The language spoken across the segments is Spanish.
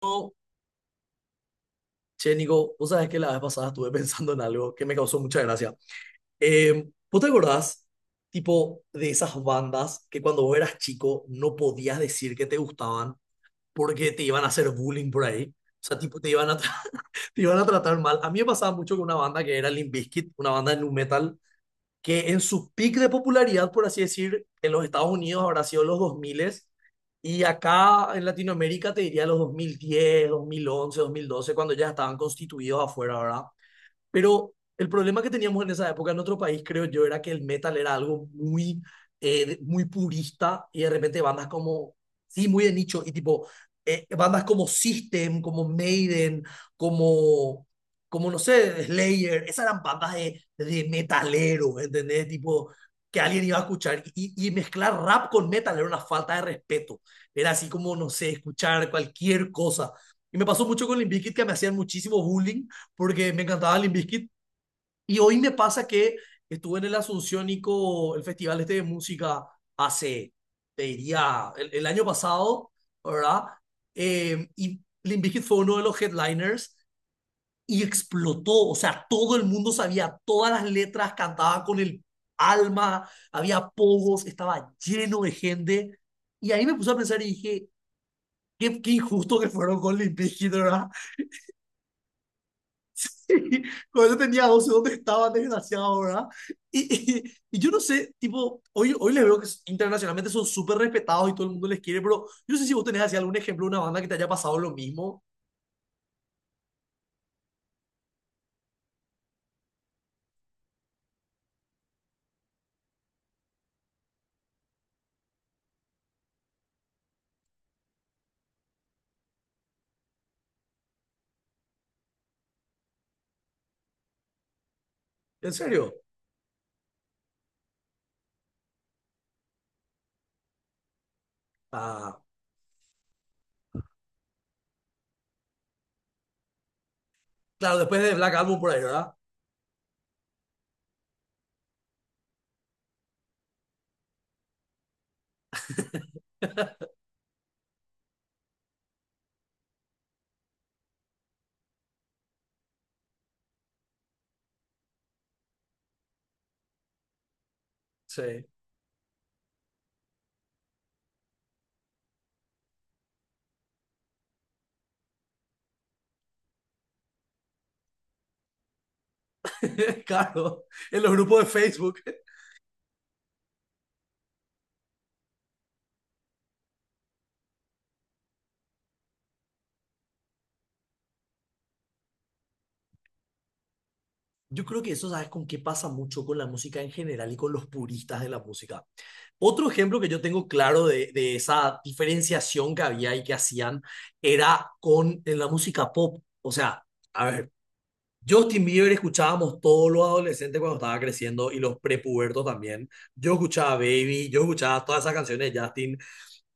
Che, Nico, vos sabés que la vez pasada estuve pensando en algo que me causó mucha gracia. ¿Vos te acordás, tipo, de esas bandas que cuando vos eras chico no podías decir que te gustaban porque te iban a hacer bullying por ahí? O sea, tipo, te iban a, tra- te iban a tratar mal. A mí me pasaba mucho con una banda que era Limp Bizkit, una banda de nu metal que en su pic de popularidad, por así decir, en los Estados Unidos habrá sido los 2000, y acá en Latinoamérica te diría los dos mil diez, 2011, 2012, cuando ya estaban constituidos afuera, ¿verdad? Pero el problema que teníamos en esa época en otro país, creo yo, era que el metal era algo muy, muy purista, y de repente bandas como, sí, muy de nicho y tipo, bandas como System, como Maiden, como, como, no sé, Slayer, esas eran bandas de metaleros, ¿entendés? Tipo, que alguien iba a escuchar. Y mezclar rap con metal era una falta de respeto. Era así como, no sé, escuchar cualquier cosa. Y me pasó mucho con Limp Bizkit, que me hacían muchísimo bullying porque me encantaba Limp Bizkit. Y hoy me pasa que estuve en el Asunciónico, el festival este de música, hace, te diría, el año pasado, ¿verdad? Y Limp Bizkit fue uno de los headliners y explotó. O sea, todo el mundo sabía todas las letras, cantaba con el alma, había pogos, estaba lleno de gente. Y ahí me puse a pensar y dije, qué, injusto que fueron con Limp Bizkit, ¿verdad? Sí. Cuando yo tenía 12, ¿dónde estaba, desgraciado? ¿Verdad? Y yo no sé, tipo, hoy les veo que internacionalmente son súper respetados y todo el mundo les quiere, pero yo no sé si vos tenés así algún ejemplo de una banda que te haya pasado lo mismo. ¿En serio? Ah, claro, después de Black Album por ahí, ¿verdad? Sí. Claro, en los grupos de Facebook. Yo creo que eso, ¿sabes con qué pasa mucho? Con la música en general y con los puristas de la música. Otro ejemplo que yo tengo claro de esa diferenciación que había y que hacían era con en la música pop. O sea, a ver, Justin Bieber escuchábamos todos los adolescentes cuando estaba creciendo, y los prepubertos también. Yo escuchaba Baby, yo escuchaba todas esas canciones de Justin.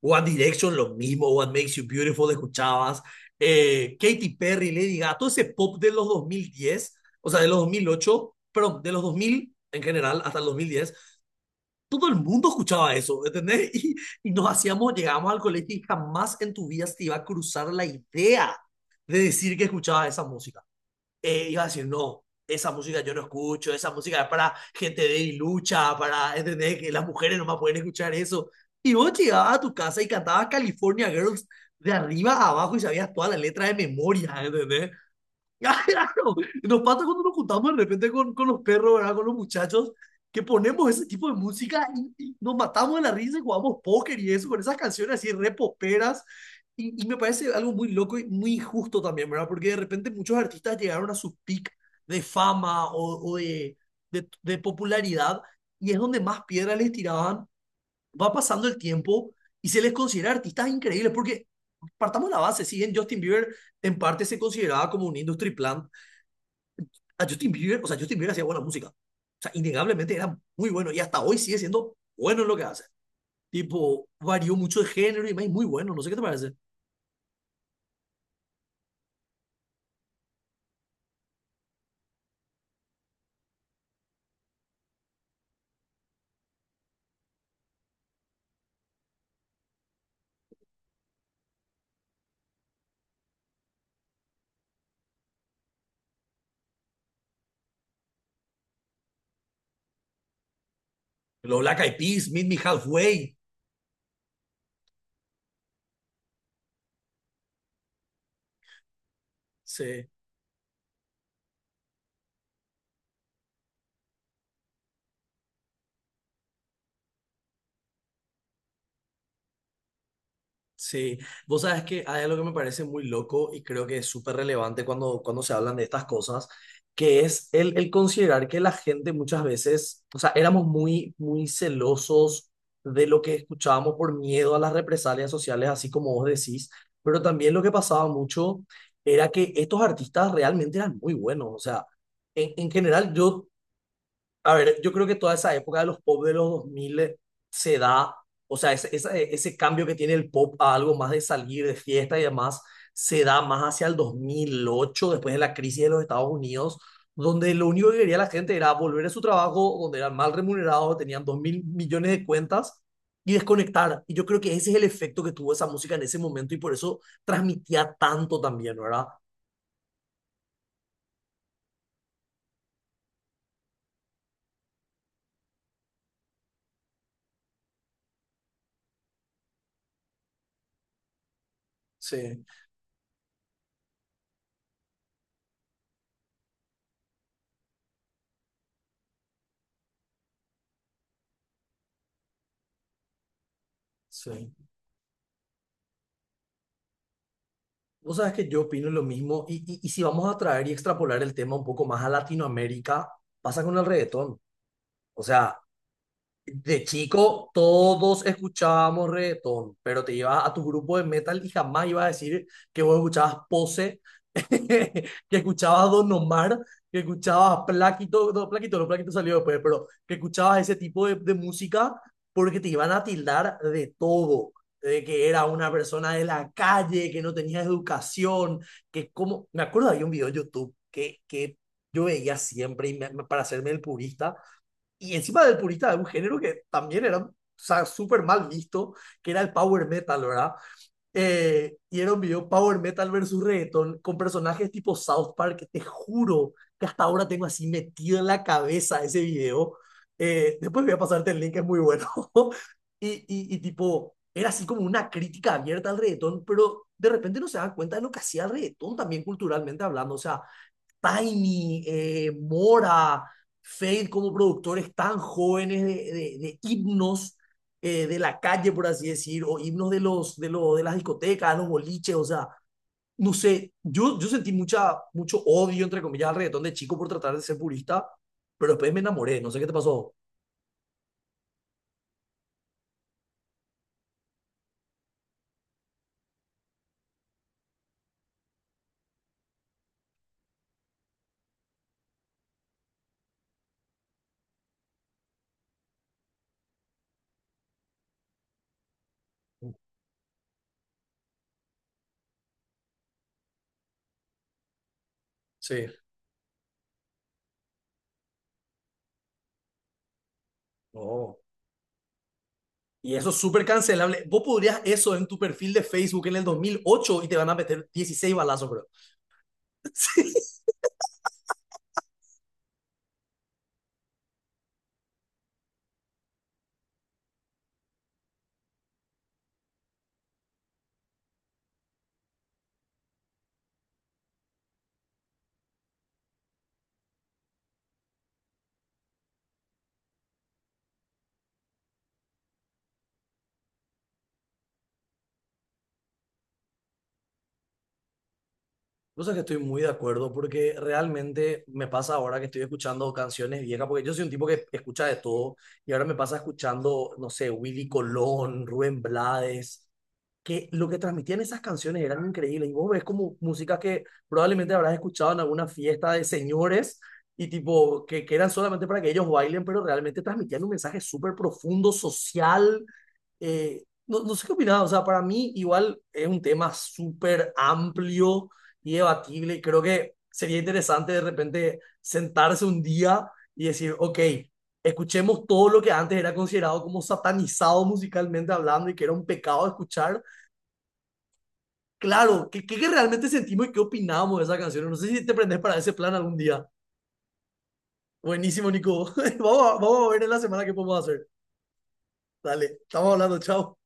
One Direction, lo mismo. What Makes You Beautiful, escuchabas. Katy Perry, Lady Gaga, todo ese pop de los 2010, o sea, de los 2008, perdón, de los 2000 en general hasta el 2010, todo el mundo escuchaba eso, ¿entendés? Y, y nos hacíamos, llegábamos al colegio y jamás en tu vida se te iba a cruzar la idea de decir que escuchaba esa música. Iba a decir, no, esa música yo no escucho, esa música es para gente de lucha, para, ¿entendés? Que las mujeres no más pueden escuchar eso. Y vos llegabas a tu casa y cantabas California Girls de arriba a abajo y sabías toda la letra de memoria, ¿entendés? Ah, claro, nos pasa cuando nos juntamos de repente con los perros, ¿verdad? Con los muchachos, que ponemos ese tipo de música y, nos matamos de la risa y jugamos póker y eso, con esas canciones así re poperas. y me parece algo muy loco y muy injusto también, ¿verdad? Porque de repente muchos artistas llegaron a su peak de fama o de, de popularidad, y es donde más piedras les tiraban. Va pasando el tiempo y se les considera artistas increíbles, porque partamos la base, si bien Justin Bieber en parte se consideraba como un industry plant, a Justin Bieber, o sea, Justin Bieber hacía buena música. O sea, innegablemente era muy bueno, y hasta hoy sigue siendo bueno en lo que hace. Tipo, varió mucho de género y es muy bueno, no sé qué te parece. Los Black Eyed Peas, Meet Me Halfway, sí. Sí, vos sabes que hay algo que me parece muy loco y creo que es súper relevante cuando, se hablan de estas cosas, que es el considerar que la gente muchas veces, o sea, éramos muy, muy celosos de lo que escuchábamos por miedo a las represalias sociales, así como vos decís, pero también lo que pasaba mucho era que estos artistas realmente eran muy buenos, o sea, en general yo, a ver, yo creo que toda esa época de los pop de los 2000 se da, o sea, ese, ese cambio que tiene el pop a algo más de salir de fiesta y demás, se da más hacia el 2008, después de la crisis de los Estados Unidos, donde lo único que quería la gente era volver a su trabajo, donde eran mal remunerados, tenían 2.000 millones de cuentas y desconectar. Y yo creo que ese es el efecto que tuvo esa música en ese momento y por eso transmitía tanto también, ¿verdad? Sí. Sí, vos sabés que yo opino lo mismo, y, y si vamos a traer y extrapolar el tema un poco más a Latinoamérica, pasa con el reggaetón. O sea, de chico, todos escuchábamos reggaetón, pero te llevas a tu grupo de metal y jamás ibas a decir que vos escuchabas Pose, que escuchabas Don Omar, que escuchabas Plaquito, no, Plaquito, no, Plaquito salió después, pero que escuchabas ese tipo de, música, porque te iban a tildar de todo, de que era una persona de la calle, que no tenía educación, que como, me acuerdo, había un video en YouTube que yo veía siempre y me- para hacerme el purista, y encima del purista de un género que también era, o sea, súper mal visto, que era el power metal, ¿verdad? Y era un video power metal versus reggaeton con personajes tipo South Park, que te juro que hasta ahora tengo así metido en la cabeza ese video. Después voy a pasarte el link, es muy bueno. Y tipo, era así como una crítica abierta al reggaetón, pero de repente no se dan cuenta de lo que hacía el reggaetón también culturalmente hablando. O sea, Tiny, Mora, Fade como productores tan jóvenes de, de himnos, de la calle, por así decir, o himnos de, los, de, los de las discotecas, de los boliches, o sea, no sé, yo, sentí mucha, mucho odio, entre comillas, al reggaetón de chico por tratar de ser purista, pero después me enamoré, no sé qué te pasó. Sí. No. Y eso es súper cancelable. Vos podrías eso en tu perfil de Facebook en el 2008 y te van a meter 16 balazos, bro. Sí, vos sabés que estoy muy de acuerdo, porque realmente me pasa ahora que estoy escuchando canciones viejas, porque yo soy un tipo que escucha de todo, y ahora me pasa escuchando, no sé, Willy Colón, Rubén Blades, que lo que transmitían esas canciones eran increíbles. Y vos ves como música que probablemente habrás escuchado en alguna fiesta de señores y tipo que, eran solamente para que ellos bailen, pero realmente transmitían un mensaje súper profundo, social. No, no sé qué opinás, o sea, para mí igual es un tema súper amplio y debatible, y creo que sería interesante de repente sentarse un día y decir, ok, escuchemos todo lo que antes era considerado como satanizado musicalmente hablando y que era un pecado escuchar. Claro, ¿qué, realmente sentimos y qué opinamos de esa canción? No sé si te prendes para ese plan algún día. Buenísimo, Nico. Vamos a ver en la semana qué podemos hacer. Dale, estamos hablando, chao.